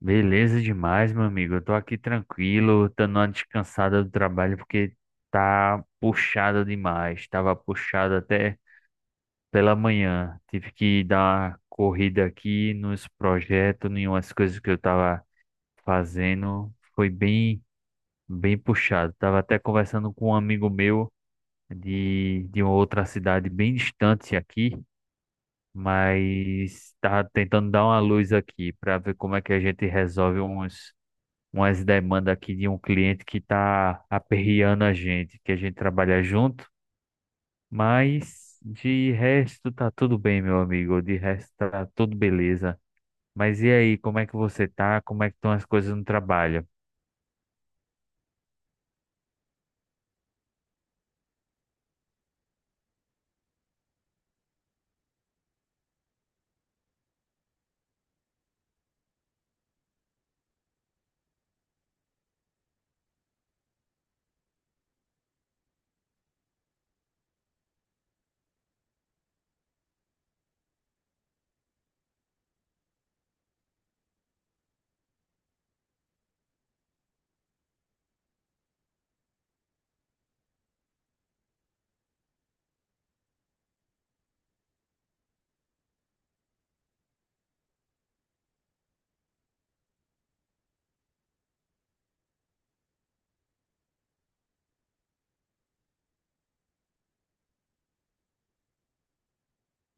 Beleza demais, meu amigo. Eu tô aqui tranquilo, dando uma descansada do trabalho porque tá puxada demais. Tava puxado até pela manhã. Tive que dar uma corrida aqui nos projetos, em umas coisas que eu tava fazendo. Foi bem puxado. Tava até conversando com um amigo meu de uma outra cidade bem distante aqui, mas tava tentando dar uma luz aqui para ver como é que a gente resolve uns. Umas demandas aqui de um cliente que está aperreando a gente, que a gente trabalha junto, mas de resto tá tudo bem, meu amigo, de resto tá tudo beleza. Mas e aí, como é que você tá? Como é que estão as coisas no trabalho?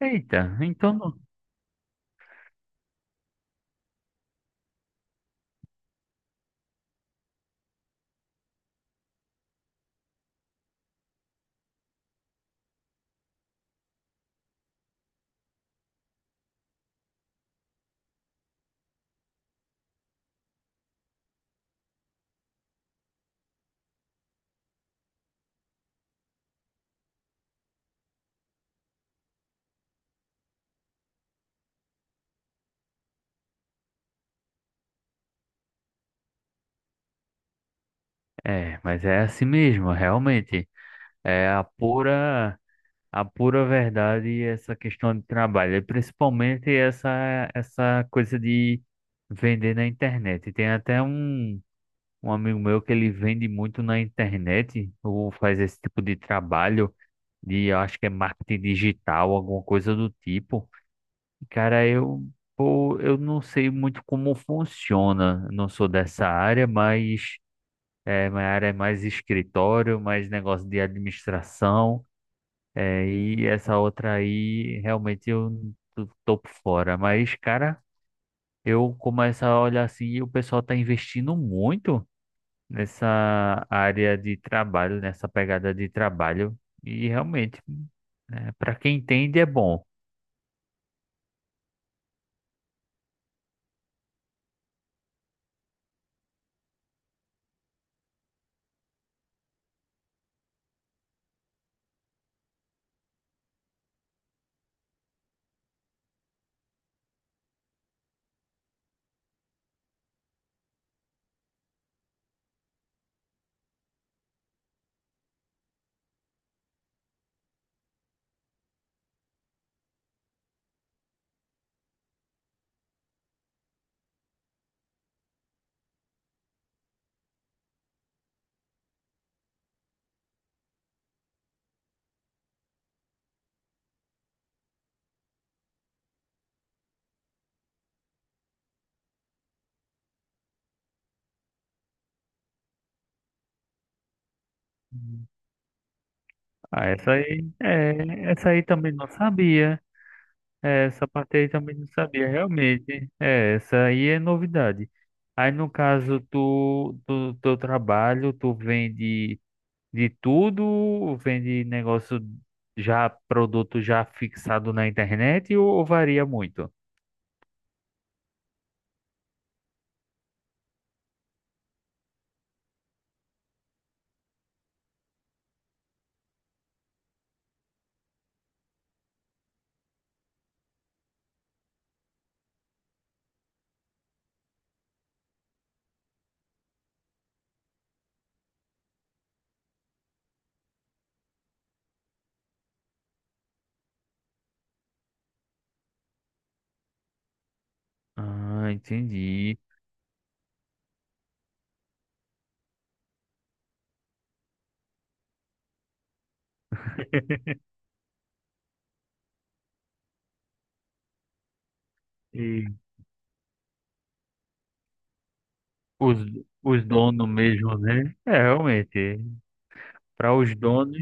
Eita, então não. É, mas é assim mesmo, realmente. É a pura, a pura verdade essa questão de trabalho, e principalmente essa coisa de vender na internet. Tem até um amigo meu que ele vende muito na internet ou faz esse tipo de trabalho de, eu acho que é marketing digital, alguma coisa do tipo. E, cara, eu não sei muito como funciona, não sou dessa área, mas é, minha área é mais escritório, mais negócio de administração, é, e essa outra aí realmente eu tô por fora. Mas, cara, eu começo a olhar assim e o pessoal tá investindo muito nessa área de trabalho, nessa pegada de trabalho. E realmente, né, para quem entende, é bom. Ah, essa aí, é, essa aí também não sabia. É, essa parte aí também não sabia, realmente. É, essa aí é novidade. Aí, no caso tu do teu trabalho, tu vende de tudo? Vende negócio já, produto já fixado na internet ou varia muito? Ah, entendi. Os, os donos mesmo, né? É, realmente. Para os donos.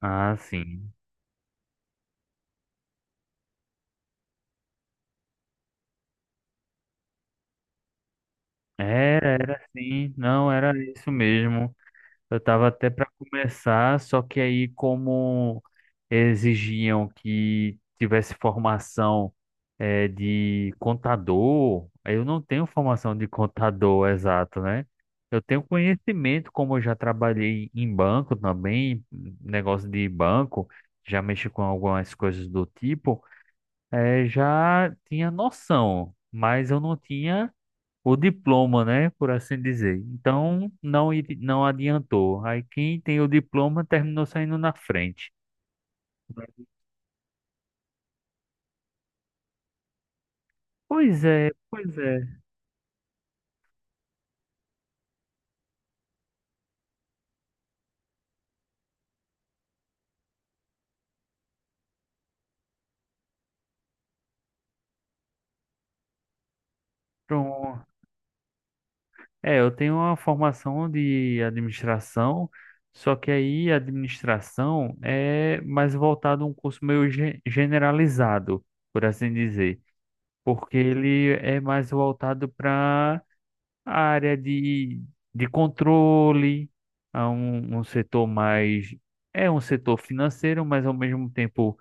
Ah, sim. Era, era sim. Não, era isso mesmo. Eu tava até para começar, só que aí, como exigiam que tivesse formação de contador, eu não tenho formação de contador exato, né? Eu tenho conhecimento, como eu já trabalhei em banco também, negócio de banco, já mexi com algumas coisas do tipo. É, já tinha noção, mas eu não tinha o diploma, né, por assim dizer. Então não adiantou. Aí quem tem o diploma terminou saindo na frente. Pois é, pois é. Então é, eu tenho uma formação de administração, só que aí a administração é mais voltado a um curso meio generalizado, por assim dizer, porque ele é mais voltado para a área de controle, um setor mais. É um setor financeiro, mas ao mesmo tempo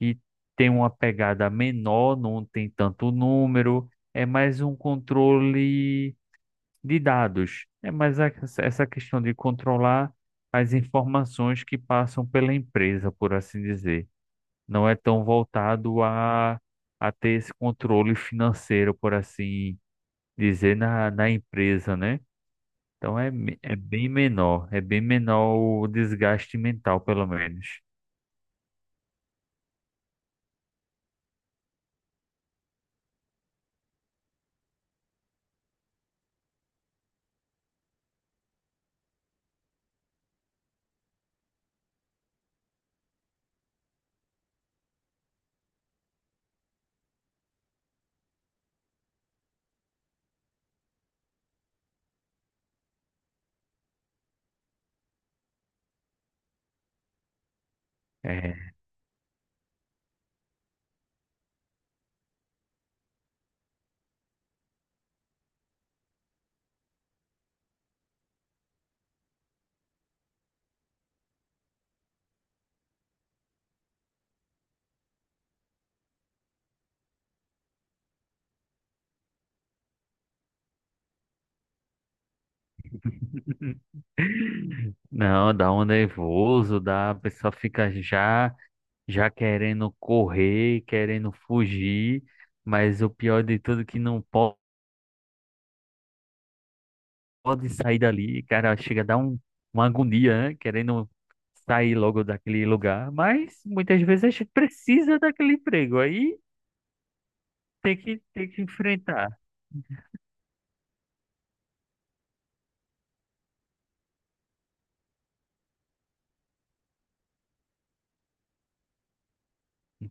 e tem uma pegada menor, não tem tanto número, é mais um controle de dados. É essa questão de controlar as informações que passam pela empresa, por assim dizer. Não é tão voltado a ter esse controle financeiro, por assim dizer, na empresa, né? Então é, é bem menor o desgaste mental, pelo menos. É, não, dá um nervoso, dá, a pessoa fica já, já querendo correr, querendo fugir, mas o pior de tudo é que não po- pode sair dali, cara, chega a dar um, uma agonia, né? Querendo sair logo daquele lugar, mas muitas vezes a gente precisa daquele emprego, aí tem que enfrentar.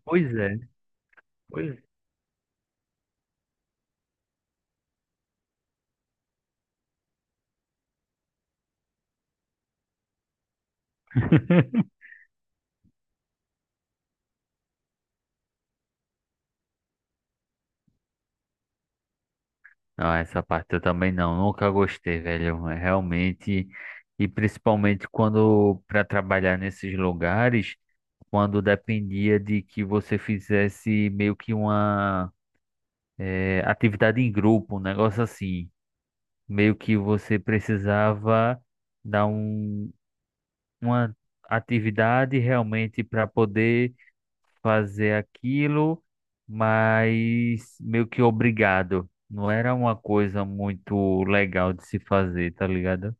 Pois é, pois não, essa parte eu também não, nunca gostei, velho. É realmente, e principalmente quando para trabalhar nesses lugares, quando dependia de que você fizesse meio que uma atividade em grupo, um negócio assim, meio que você precisava dar um, uma atividade realmente para poder fazer aquilo, mas meio que obrigado. Não era uma coisa muito legal de se fazer, tá ligado?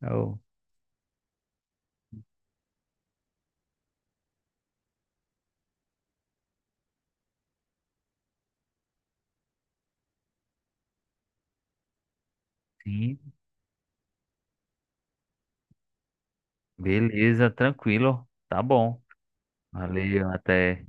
Eu, sim, beleza, tranquilo. Tá bom. Valeu, até.